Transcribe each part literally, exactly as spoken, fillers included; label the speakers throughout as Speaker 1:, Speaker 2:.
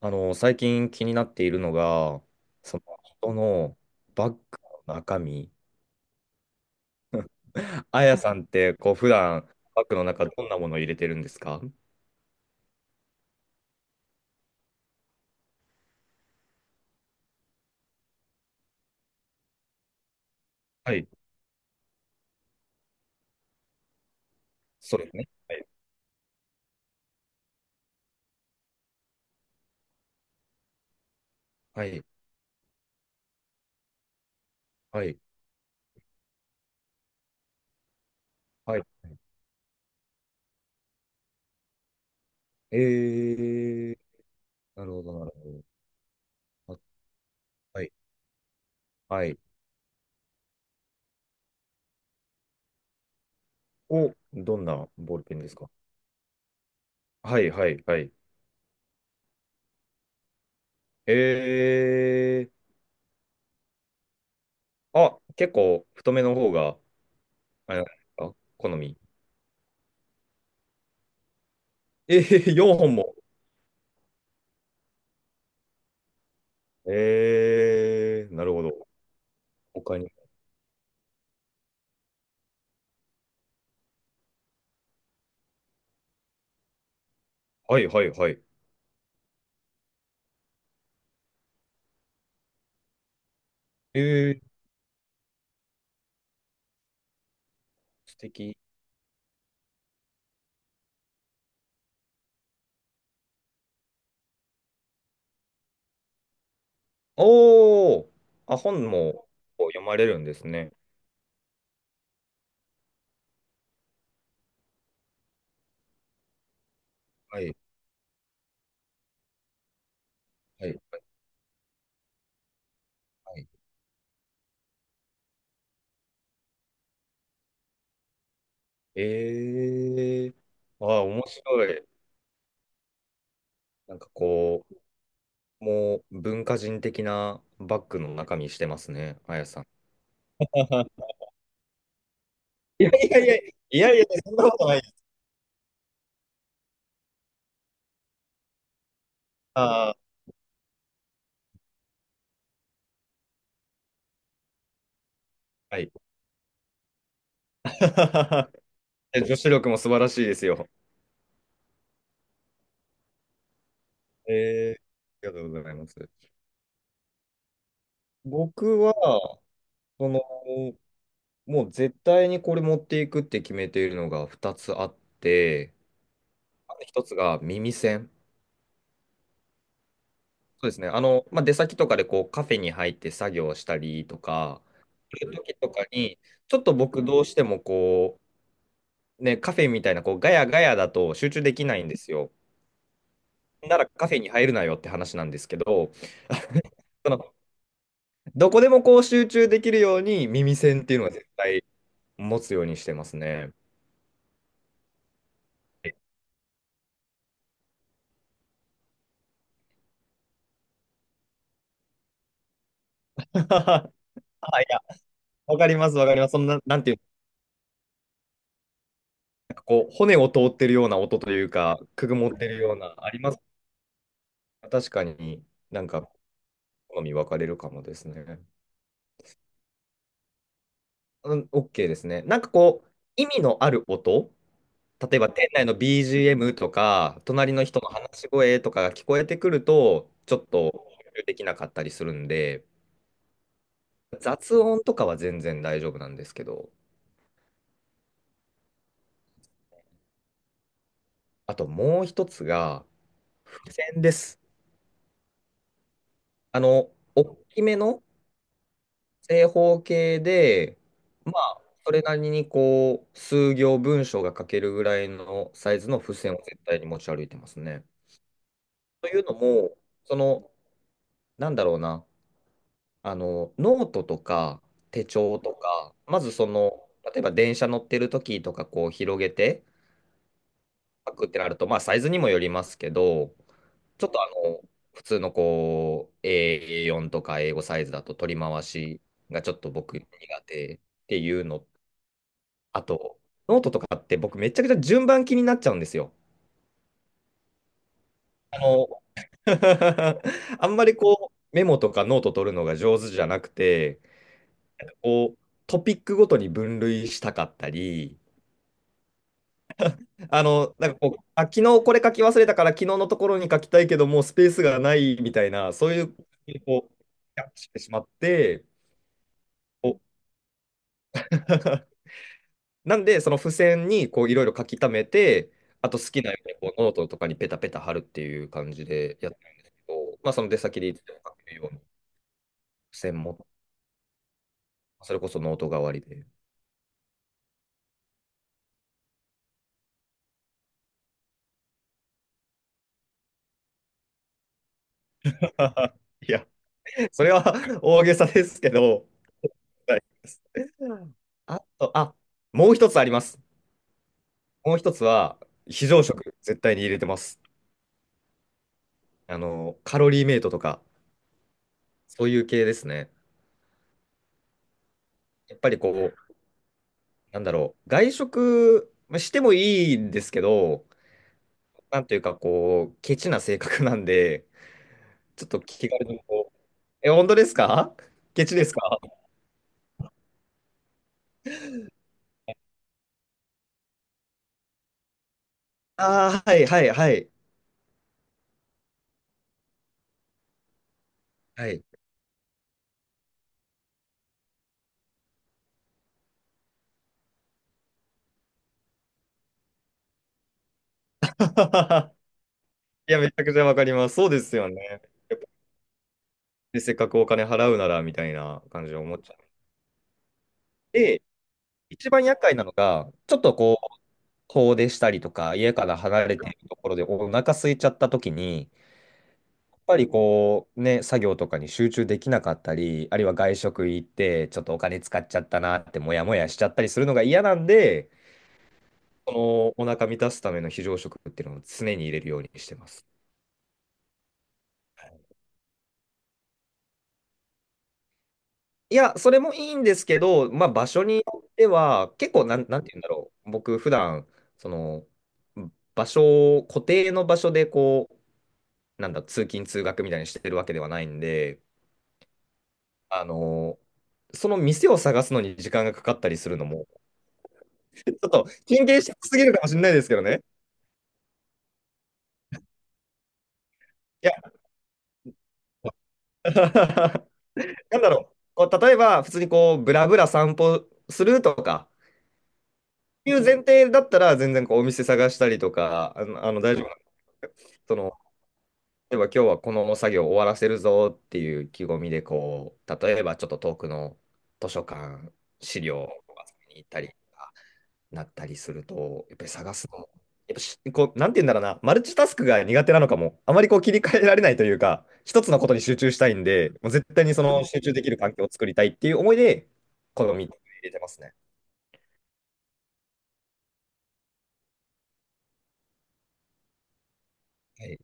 Speaker 1: あの、最近気になっているのが、その人のバッグの中身。あやさんって、こう、普段バッグの中どんなものを入れてるんですか？はい、そうですね。はい、はい、はい。はい。えー、なるほど、なるほど。あ、はい、はい。お、どんなボールペンですか？はい、はい、はい。えー、あ、結構太めの方が、あれなんですか、好み。えー、よんほんも。えー、なるほど。他に。はいはいはい。えー、素敵。おー、あ、本もこう読まれるんですね。はいはいはい。えー、あー、面白い。なんかこう、もう文化人的なバッグの中身してますね、あやさん。いやいやいや、いやいや、そんなことないです。あー、はい。え、女子力も素晴らしいですよ。えー、ありがとうございます。僕は、その、もう絶対にこれ持っていくって決めているのがふたつあって、ひとつが耳栓。そうですね。あの、まあ、出先とかでこうカフェに入って作業したりとか、そういう時とかに、ちょっと僕どうしてもこう、ね、カフェみたいなこうガヤガヤだと集中できないんですよ。ならカフェに入るなよって話なんですけど、その、どこでもこう集中できるように耳栓っていうのは絶対持つようにしてますね。はい、いや、わかります、わかります。そんな、なんていうこう、骨を通ってるような音というか、くぐもってるような、あります。確かに。なんか好み分かれるかもですね。うん、オーケー ですね。なんかこう、意味のある音、例えば店内の ビージーエム とか、隣の人の話し声とかが聞こえてくると、ちょっと集中できなかったりするんで、雑音とかは全然大丈夫なんですけど、あともう一つが、付箋です。あの、大きめの正方形で、まあ、それなりにこう、数行文章が書けるぐらいのサイズの付箋を絶対に持ち歩いてますね。というのも、その、なんだろうな、あの、ノートとか手帳とか、まずその、例えば電車乗ってる時とか、こう、広げて書くってなると、まあ、サイズにもよりますけど、ちょっとあの、普通のこう、エーよん とか英語サイズだと取り回しがちょっと僕苦手。っていうのあと、ノートとかって僕めちゃくちゃ順番気になっちゃうんですよ。あの、あんまりこうメモとかノート取るのが上手じゃなくて、こうトピックごとに分類したかったり、あの、なんかこう、あ、昨日これ書き忘れたから昨日のところに書きたいけどもうスペースがないみたいな、そういう、こう、キャッチしてしまって、こう なんで、その付箋にこういろいろ書き溜めて、あと好きなようにこうノートとかにペタペタ貼るっていう感じでやってるんですけど、まあその出先でいつでも書けるように付箋も、それこそノート代わりで。いや、それは 大げさですけど、はい。あと、あ、もう一つあります。もう一つは、非常食、絶対に入れてます。あの、カロリーメイトとか、そういう系ですね。やっぱりこう、なんだろう、外食まあしてもいいんですけど、なんというか、こう、ケチな性格なんで、ちょっと気軽にこう、え、本当ですか？ケチですか？ああー、はい、はい、はい。はい。いや、めちゃくちゃわかります。そうですよね。やっぱで、せっかくお金払うなら、みたいな感じで思っちゃう。で、一番厄介なのが、ちょっとこう、遠出したりとか、家から離れてるところでお腹空いちゃった時に、ぱりこうね、作業とかに集中できなかったり、あるいは外食行って、ちょっとお金使っちゃったなってモヤモヤしちゃったりするのが嫌なんで、そのお腹満たすための非常食っていうのを常に入れるようにしてます。いや、それもいいんですけど、まあ場所によっては、結構なん、なんて言うんだろう。僕普段、その、場所を、固定の場所でこう、なんだ、通勤通学みたいにしてるわけではないんで、あの、その店を探すのに時間がかかったりするのも、ちょっと神経質すぎるかもしれないですけどね。いや、なんだろう。こう例えば、普通にこう、ブラブラ散歩するとか、いう前提だったら、全然こう、お店探したりとか、あの、あの大丈夫なんです。その、例えば今日はこの作業終わらせるぞっていう意気込みで、こう、例えばちょっと遠くの図書館、資料を集めに行ったりとかなったりすると、やっぱり探すの、やっぱしこう、なんて言うんだろうな、マルチタスクが苦手なのかも、あまりこう切り替えられないというか、一つのことに集中したいんで、もう絶対にその集中できる環境を作りたいっていう思いで、このみっつ入れてますね。はい、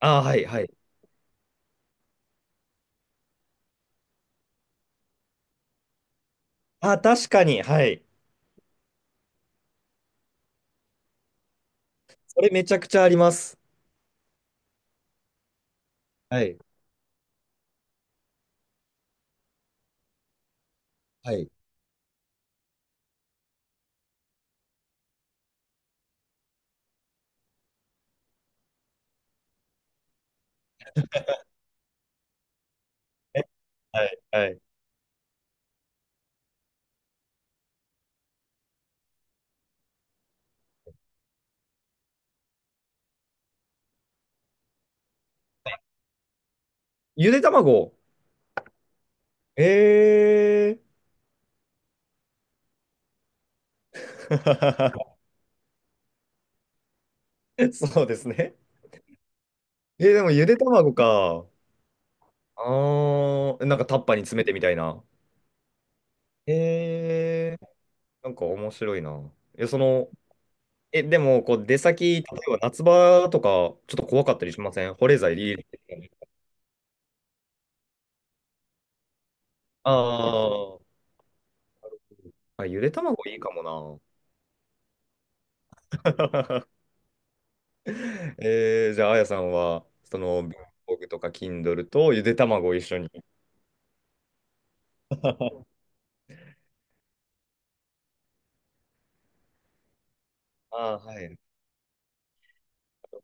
Speaker 1: ああ、はい、はい。ああ、確かに、はい。それめちゃくちゃあります。はい、はい。え、はい、はい。ゆで卵。えー。そうですね。えー、でもゆで卵か。あー、なんかタッパーに詰めてみたいな。えー、なんか面白いな。え、その、え、でも、こう、出先、例えば夏場とか、ちょっと怖かったりしません、保冷剤リール。あー、あ、ゆで卵いいかもな。えー、じゃあ、あやさんは、その、文房具とか キンドル とゆで卵を一緒に。ああ、はい。なる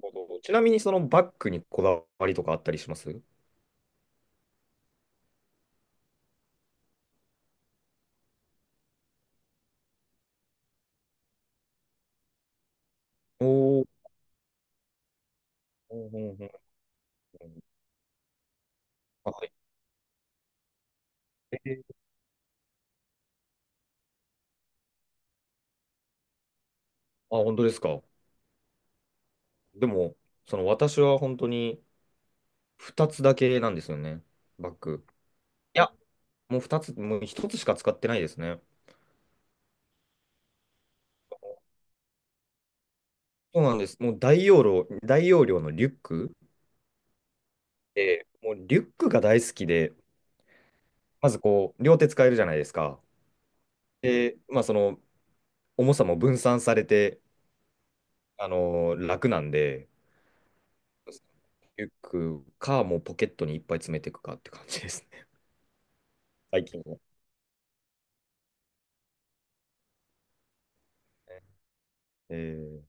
Speaker 1: ほど。ちなみに、そのバッグにこだわりとかあったりします？おー。うんうんうんうん。あ、はい。えー。あ、本当ですか。でも、その私は本当に、ふたつだけなんですよね、バッグ。いや、もうふたつ、もうひとつしか使ってないですね。そうなんです。もう大容量、大容量のリュックで、もうリュックが大好きで、まずこう、両手使えるじゃないですか。で、まあその、重さも分散されて、あのー楽なんで、リュックか、もうポケットにいっぱい詰めていくかって感じですね、最近は。えー